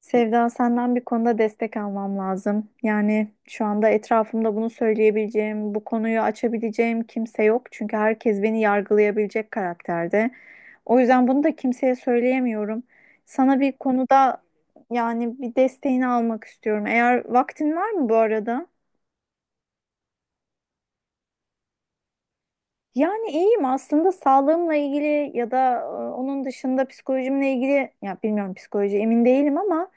Sevda, senden bir konuda destek almam lazım. Yani şu anda etrafımda bunu söyleyebileceğim, bu konuyu açabileceğim kimse yok. Çünkü herkes beni yargılayabilecek karakterde. O yüzden bunu da kimseye söyleyemiyorum. Sana bir konuda yani bir desteğini almak istiyorum. Eğer vaktin var mı bu arada? Yani iyiyim aslında, sağlığımla ilgili ya da onun dışında psikolojimle ilgili, ya bilmiyorum, psikoloji emin değilim ama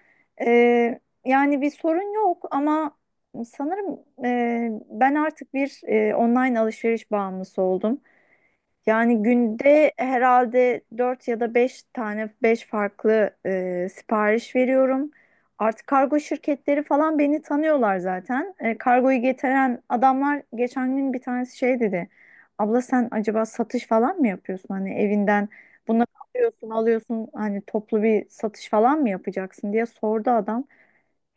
e, yani bir sorun yok ama sanırım ben artık bir online alışveriş bağımlısı oldum. Yani günde herhalde 4 ya da 5 tane, 5 farklı sipariş veriyorum. Artık kargo şirketleri falan beni tanıyorlar zaten. Kargoyu getiren adamlar, geçen gün bir tanesi şey dedi. Abla, sen acaba satış falan mı yapıyorsun? Hani evinden bunları alıyorsun alıyorsun, hani toplu bir satış falan mı yapacaksın diye sordu adam.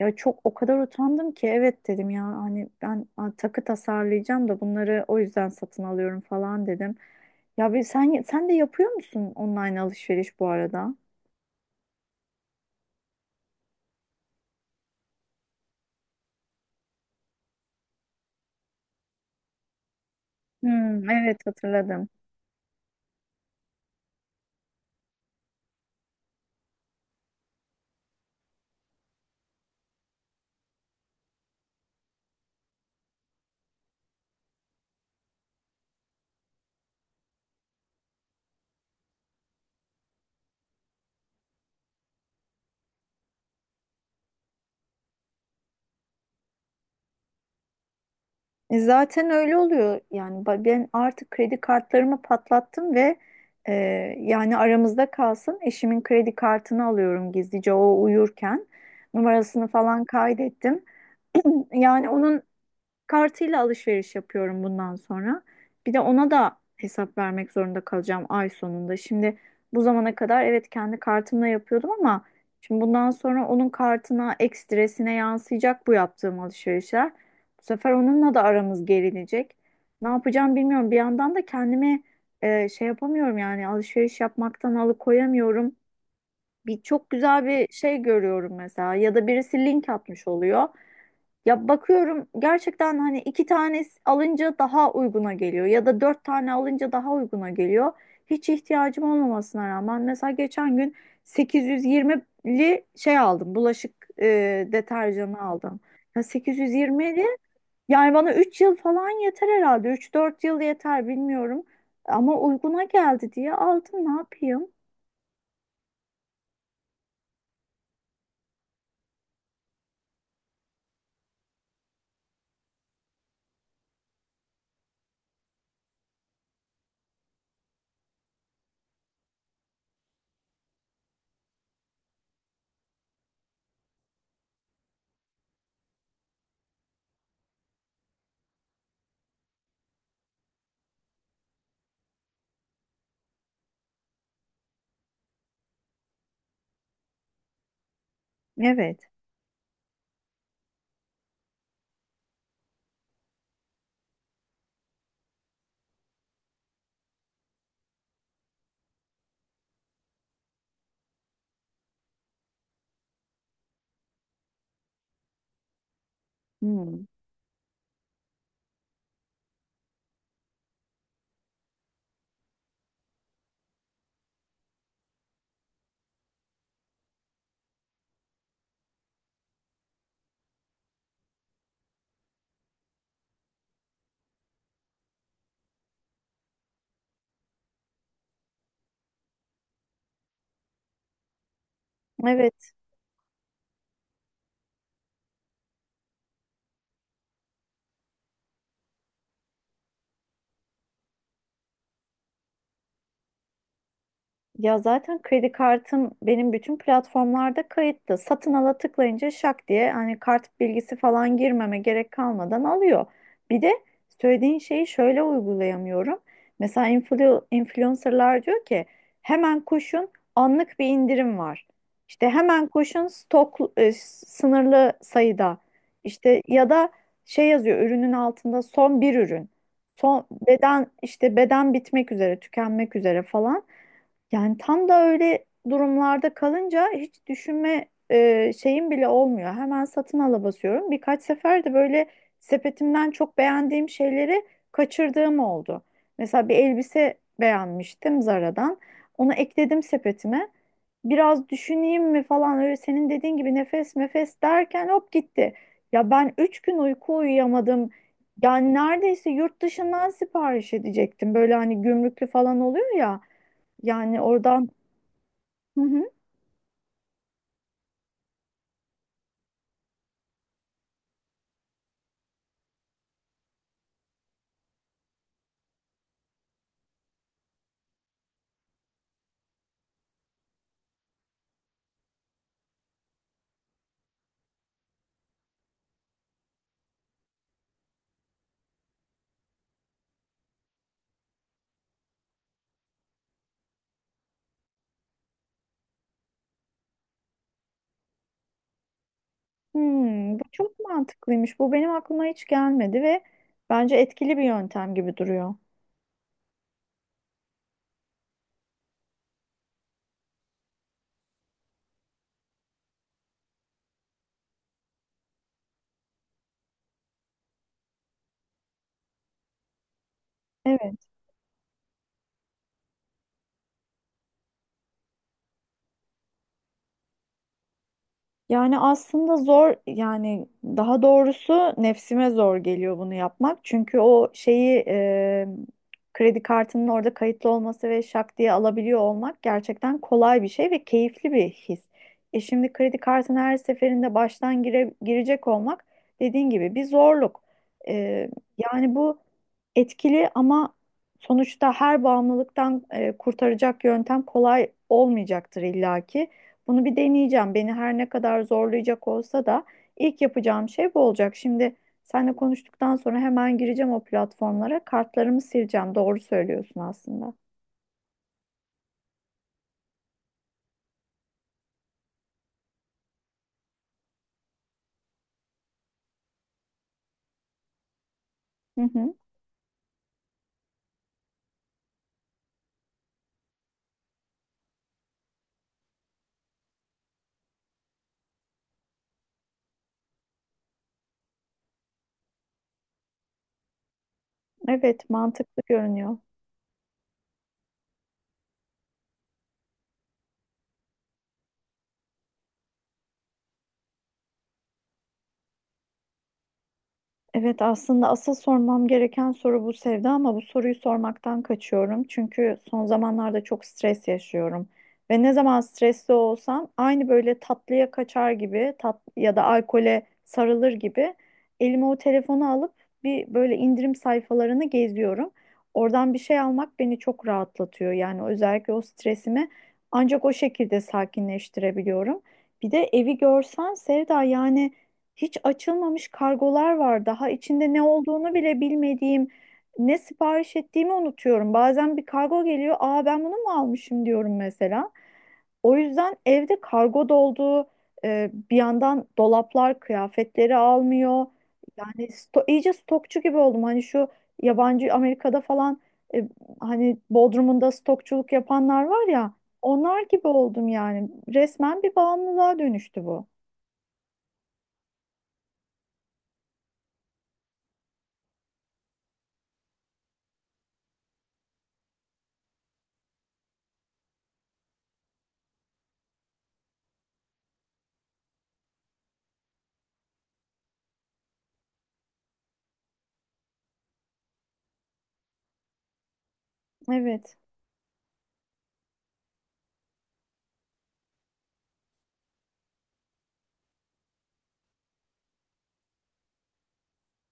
Ya çok, o kadar utandım ki, evet dedim, ya hani ben takı tasarlayacağım da bunları o yüzden satın alıyorum falan dedim. Ya bir sen de yapıyor musun online alışveriş bu arada? Hmm, evet, hatırladım. E zaten öyle oluyor. Yani ben artık kredi kartlarımı patlattım ve e, yani aramızda kalsın, eşimin kredi kartını alıyorum gizlice o uyurken. Numarasını falan kaydettim. Yani onun kartıyla alışveriş yapıyorum bundan sonra. Bir de ona da hesap vermek zorunda kalacağım ay sonunda. Şimdi bu zamana kadar evet kendi kartımla yapıyordum ama şimdi bundan sonra onun kartına, ekstresine yansıyacak bu yaptığım alışverişler. Bu sefer onunla da aramız gerilecek. Ne yapacağım bilmiyorum. Bir yandan da kendimi şey yapamıyorum, yani alışveriş yapmaktan alıkoyamıyorum. Bir çok güzel bir şey görüyorum mesela, ya da birisi link atmış oluyor. Ya bakıyorum, gerçekten hani iki tane alınca daha uyguna geliyor ya da dört tane alınca daha uyguna geliyor. Hiç ihtiyacım olmamasına rağmen, mesela geçen gün 820'li şey aldım, bulaşık deterjanı aldım. Ya 820'li, yani bana 3 yıl falan yeter herhalde, 3-4 yıl yeter bilmiyorum ama uyguna geldi diye aldım, ne yapayım? Evet. Hmm. Evet. Ya zaten kredi kartım benim bütün platformlarda kayıtlı. Satın ala tıklayınca şak diye, hani kart bilgisi falan girmeme gerek kalmadan alıyor. Bir de söylediğin şeyi şöyle uygulayamıyorum. Mesela influencerlar diyor ki hemen koşun, anlık bir indirim var. İşte hemen koşun, stok sınırlı sayıda. İşte ya da şey yazıyor ürünün altında, son bir ürün. Son beden, işte beden bitmek üzere, tükenmek üzere falan. Yani tam da öyle durumlarda kalınca hiç düşünme şeyim bile olmuyor. Hemen satın ala basıyorum. Birkaç sefer de böyle sepetimden çok beğendiğim şeyleri kaçırdığım oldu. Mesela bir elbise beğenmiştim Zara'dan. Onu ekledim sepetime. Biraz düşüneyim mi falan, öyle senin dediğin gibi nefes nefes derken hop gitti. Ya ben 3 gün uyku uyuyamadım. Yani neredeyse yurt dışından sipariş edecektim. Böyle hani gümrüklü falan oluyor ya. Yani oradan. Hı hı. Bu çok mantıklıymış. Bu benim aklıma hiç gelmedi ve bence etkili bir yöntem gibi duruyor. Evet. Yani aslında zor, yani daha doğrusu nefsime zor geliyor bunu yapmak. Çünkü o şeyi, kredi kartının orada kayıtlı olması ve şak diye alabiliyor olmak gerçekten kolay bir şey ve keyifli bir his. E şimdi kredi kartına her seferinde baştan girecek olmak dediğin gibi bir zorluk. E, Yani bu etkili ama sonuçta her bağımlılıktan kurtaracak yöntem kolay olmayacaktır illaki. Bunu bir deneyeceğim. Beni her ne kadar zorlayacak olsa da ilk yapacağım şey bu olacak. Şimdi seninle konuştuktan sonra hemen gireceğim o platformlara. Kartlarımı sileceğim. Doğru söylüyorsun aslında. Hı hı. Evet, mantıklı görünüyor. Evet, aslında asıl sormam gereken soru bu Sevda ama bu soruyu sormaktan kaçıyorum. Çünkü son zamanlarda çok stres yaşıyorum. Ve ne zaman stresli olsam, aynı böyle tatlıya kaçar gibi, tat ya da alkole sarılır gibi elime o telefonu alıp bir böyle indirim sayfalarını geziyorum. Oradan bir şey almak beni çok rahatlatıyor. Yani özellikle o stresimi ancak o şekilde sakinleştirebiliyorum. Bir de evi görsen Sevda, yani hiç açılmamış kargolar var. Daha içinde ne olduğunu bile bilmediğim, ne sipariş ettiğimi unutuyorum. Bazen bir kargo geliyor, aa ben bunu mu almışım diyorum mesela. O yüzden evde kargo doldu. Bir yandan dolaplar kıyafetleri almıyor. Yani iyice stokçu gibi oldum. Hani şu yabancı, Amerika'da falan, e, hani Bodrum'unda stokçuluk yapanlar var ya, onlar gibi oldum yani. Resmen bir bağımlılığa dönüştü bu. Evet.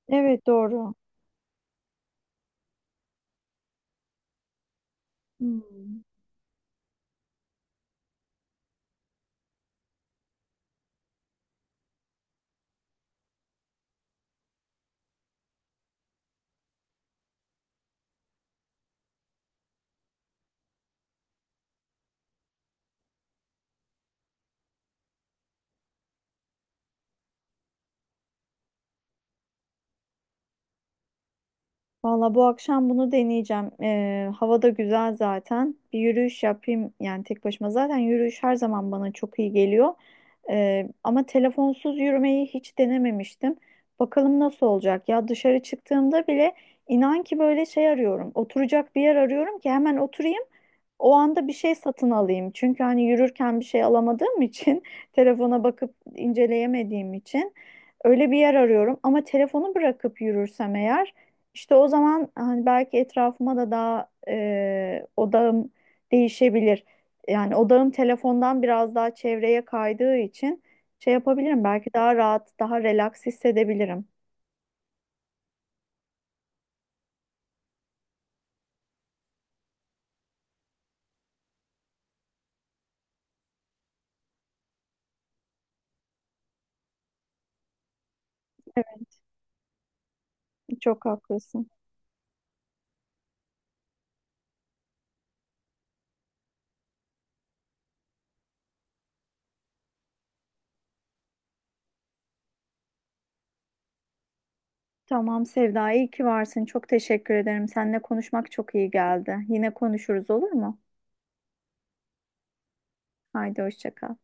Evet, doğru. Hmm. Valla bu akşam bunu deneyeceğim. Hava da güzel zaten. Bir yürüyüş yapayım, yani tek başıma. Zaten yürüyüş her zaman bana çok iyi geliyor. Ama telefonsuz yürümeyi hiç denememiştim. Bakalım nasıl olacak. Ya dışarı çıktığımda bile, inan ki, böyle şey arıyorum, oturacak bir yer arıyorum ki hemen oturayım. O anda bir şey satın alayım. Çünkü hani yürürken bir şey alamadığım için, telefona bakıp inceleyemediğim için öyle bir yer arıyorum. Ama telefonu bırakıp yürürsem eğer, işte o zaman hani belki etrafıma da daha odağım değişebilir. Yani odağım telefondan biraz daha çevreye kaydığı için şey yapabilirim. Belki daha rahat, daha relax hissedebilirim. Çok haklısın. Tamam Sevda, iyi ki varsın. Çok teşekkür ederim. Seninle konuşmak çok iyi geldi. Yine konuşuruz, olur mu? Haydi hoşça kal.